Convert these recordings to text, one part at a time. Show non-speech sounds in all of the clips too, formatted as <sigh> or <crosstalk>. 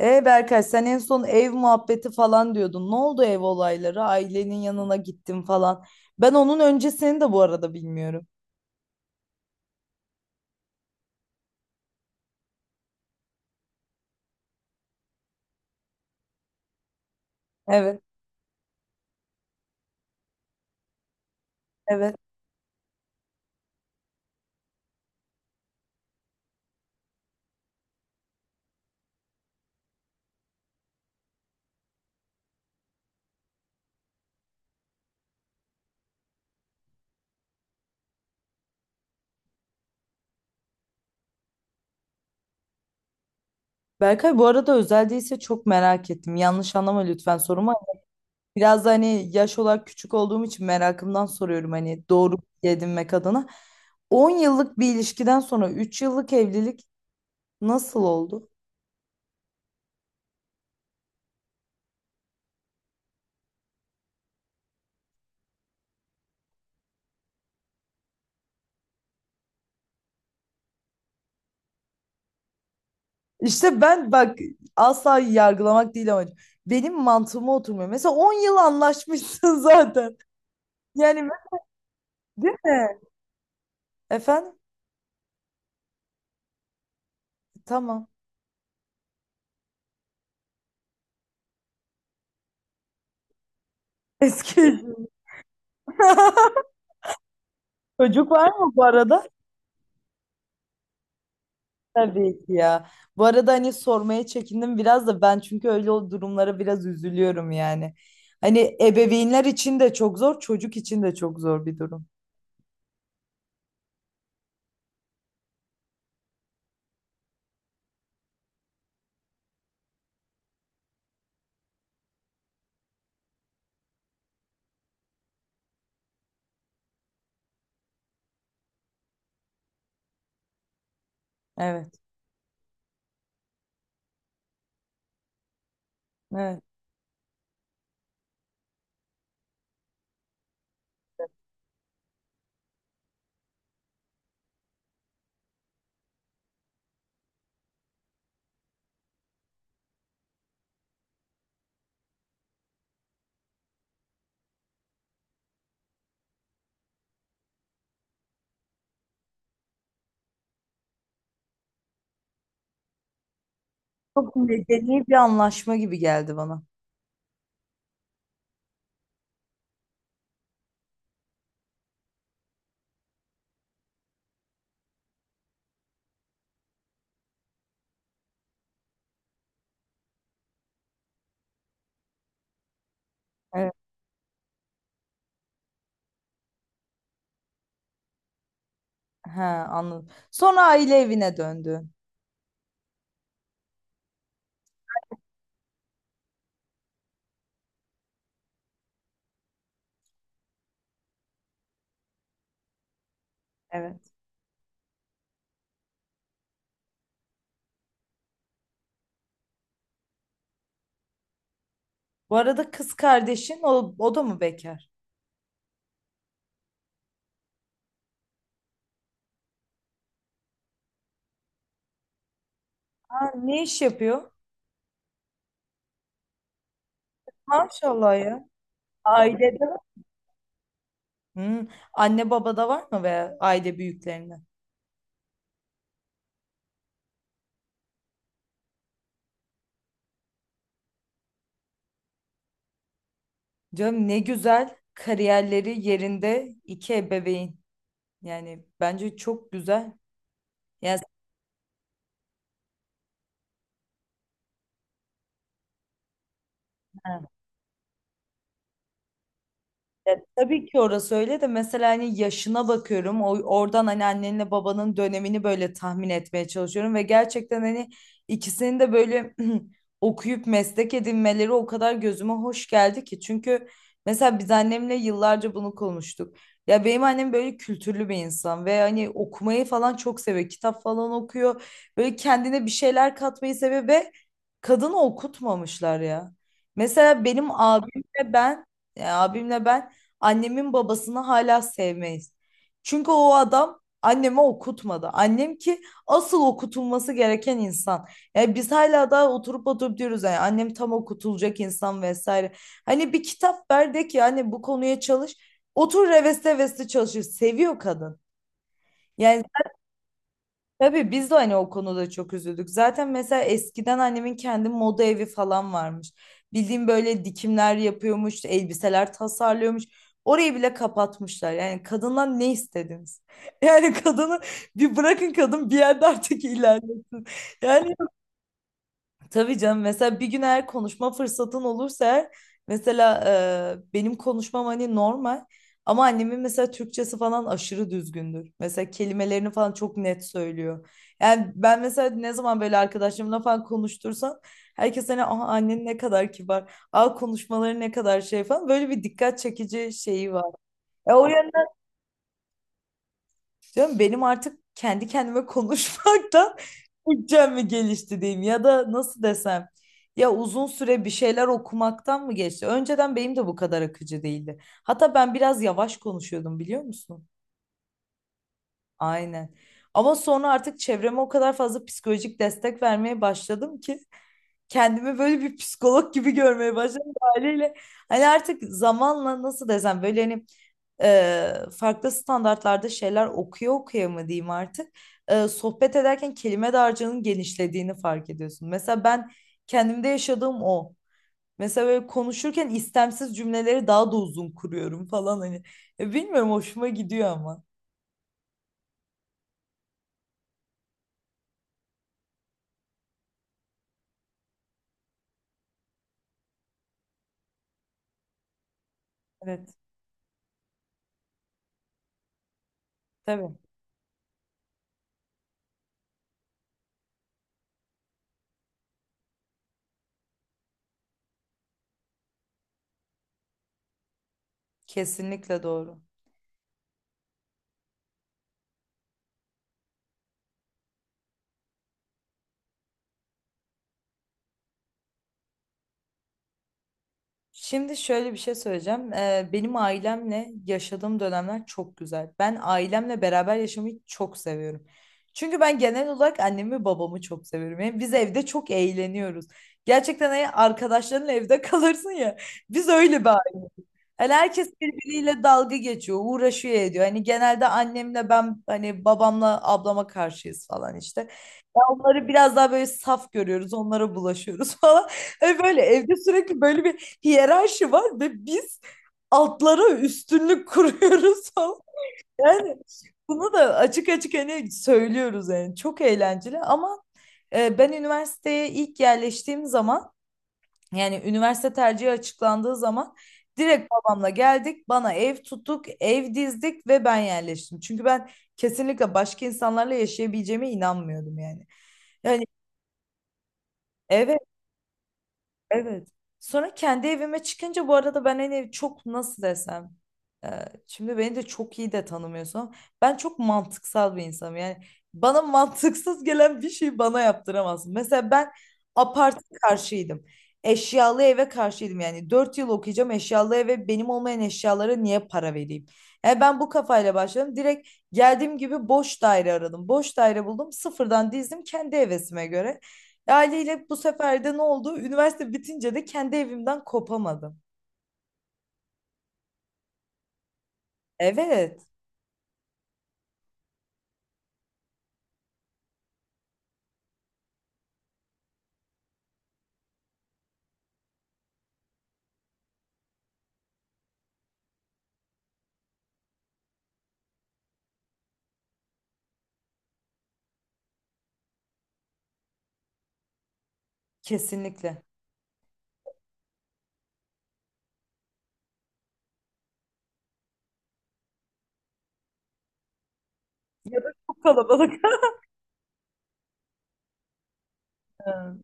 E Berkay sen en son ev muhabbeti falan diyordun. Ne oldu ev olayları? Ailenin yanına gittin falan. Ben onun öncesini de bu arada bilmiyorum. Evet, evet. Berkay bu arada özel değilse çok merak ettim. Yanlış anlama lütfen sorumu. Biraz da hani yaş olarak küçük olduğum için merakımdan soruyorum hani doğru bilgi edinmek adına. 10 yıllık bir ilişkiden sonra 3 yıllık evlilik nasıl oldu? İşte ben bak asla yargılamak değil amacım. Benim mantığıma oturmuyor. Mesela 10 yıl anlaşmışsın <laughs> zaten. Yani ben- Değil mi? Efendim? Tamam. Eski eşim. <laughs> Çocuk var mı bu arada? Tabii ki ya. Bu arada hani sormaya çekindim biraz da ben çünkü öyle o durumlara biraz üzülüyorum yani. Hani ebeveynler için de çok zor, çocuk için de çok zor bir durum. Evet, evet. Çok medeni bir anlaşma gibi geldi bana. Evet. He, anladım. Sonra aile evine döndün. Evet. Bu arada kız kardeşin o da mı bekar? Ha, ne iş yapıyor? Maşallah ya. Ailede var. Hmm, Anne babada var mı veya aile büyüklerinde? Canım ne güzel kariyerleri yerinde iki ebeveyn. Yani bence çok güzel. Yani ya tabii ki orası öyle de mesela hani yaşına bakıyorum. O, oradan hani annenle babanın dönemini böyle tahmin etmeye çalışıyorum ve gerçekten hani ikisinin de böyle <clears throat> okuyup meslek edinmeleri o kadar gözüme hoş geldi ki. Çünkü mesela biz annemle yıllarca bunu konuştuk. Ya benim annem böyle kültürlü bir insan ve hani okumayı falan çok seviyor. Kitap falan okuyor. Böyle kendine bir şeyler katmayı seviyor ve kadını okutmamışlar ya. Mesela benim abimle ben, ya abimle ben annemin babasını hala sevmeyiz. Çünkü o adam anneme okutmadı. Annem ki asıl okutulması gereken insan. Yani biz hala daha oturup oturup diyoruz yani annem tam okutulacak insan vesaire. Hani bir kitap ver de ki hani bu konuya çalış. Otur reveste reveste çalışır. Seviyor kadın. Yani tabii biz de hani o konuda çok üzüldük. Zaten mesela eskiden annemin kendi moda evi falan varmış. Bildiğim böyle dikimler yapıyormuş, elbiseler tasarlıyormuş. Orayı bile kapatmışlar. Yani kadından ne istediniz? <laughs> Yani kadını bir bırakın kadın bir yerde artık ilerlesin. Yani tabii canım mesela bir gün eğer konuşma fırsatın olursa eğer, mesela benim konuşmam hani normal ama annemin mesela Türkçesi falan aşırı düzgündür. Mesela kelimelerini falan çok net söylüyor. Yani ben mesela ne zaman böyle arkadaşlarımla falan konuştursam herkes hani aa, annen ne kadar kibar, aa, konuşmaları ne kadar şey falan böyle bir dikkat çekici şeyi var. O, canım, benim artık kendi kendime konuşmaktan <laughs> Türkçem mi gelişti diyeyim ya da nasıl desem, ya uzun süre bir şeyler okumaktan mı geçti? Önceden benim de bu kadar akıcı değildi. Hatta ben biraz yavaş konuşuyordum biliyor musun? Aynen. Ama sonra artık çevreme o kadar fazla psikolojik destek vermeye başladım ki kendimi böyle bir psikolog gibi görmeye başladım haliyle. Hani artık zamanla nasıl desem böyle hani e, farklı standartlarda şeyler okuya okuya mı diyeyim artık sohbet ederken kelime dağarcığının genişlediğini fark ediyorsun. Mesela ben kendimde yaşadığım o. Mesela böyle konuşurken istemsiz cümleleri daha da uzun kuruyorum falan hani. Bilmiyorum hoşuma gidiyor ama. Evet, tabii. Kesinlikle doğru. Şimdi şöyle bir şey söyleyeceğim. Benim ailemle yaşadığım dönemler çok güzel. Ben ailemle beraber yaşamayı çok seviyorum. Çünkü ben genel olarak annemi ve babamı çok seviyorum. Yani biz evde çok eğleniyoruz. Gerçekten hani arkadaşlarınla evde <laughs> kalırsın ya. Biz öyle bir aile. Hani herkes birbiriyle dalga geçiyor, uğraşıyor ediyor. Hani genelde annemle ben hani babamla ablama karşıyız falan işte. Onları biraz daha böyle saf görüyoruz, onlara bulaşıyoruz <laughs> falan. E böyle evde sürekli böyle bir hiyerarşi var ve biz altlara üstünlük kuruyoruz <laughs> falan. Yani bunu da açık açık hani söylüyoruz yani çok eğlenceli ama ben üniversiteye ilk yerleştiğim zaman yani üniversite tercihi açıklandığı zaman direkt babamla geldik bana ev tuttuk ev dizdik ve ben yerleştim. Çünkü ben kesinlikle başka insanlarla yaşayabileceğime inanmıyordum yani. Yani evet. Evet. Sonra kendi evime çıkınca bu arada ben hani çok nasıl desem, e, şimdi beni de çok iyi de tanımıyorsun. Ben çok mantıksal bir insanım. Yani bana <laughs> mantıksız gelen bir şeyi bana yaptıramazsın. Mesela ben apart karşıydım. Eşyalı eve karşıydım. Yani 4 yıl okuyacağım eşyalı eve benim olmayan eşyalara niye para vereyim? Yani ben bu kafayla başladım. Direkt geldiğim gibi boş daire aradım. Boş daire buldum. Sıfırdan dizdim kendi hevesime göre. Aileyle bu sefer de ne oldu? Üniversite bitince de kendi evimden kopamadım. Evet, kesinlikle. Ya da çok kalabalık. <laughs> Ha,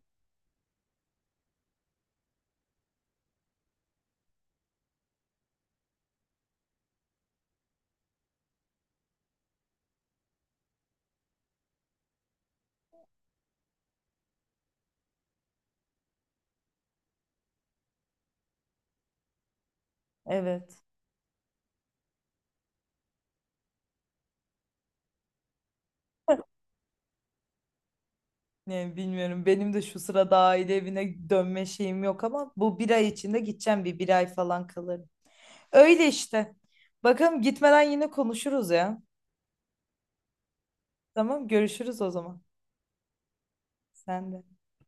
evet. Ne bilmiyorum. Benim de şu sırada aile evine dönme şeyim yok ama bu bir ay içinde gideceğim, bir ay falan kalırım. Öyle işte. Bakalım gitmeden yine konuşuruz ya. Tamam, görüşürüz o zaman. Sen de.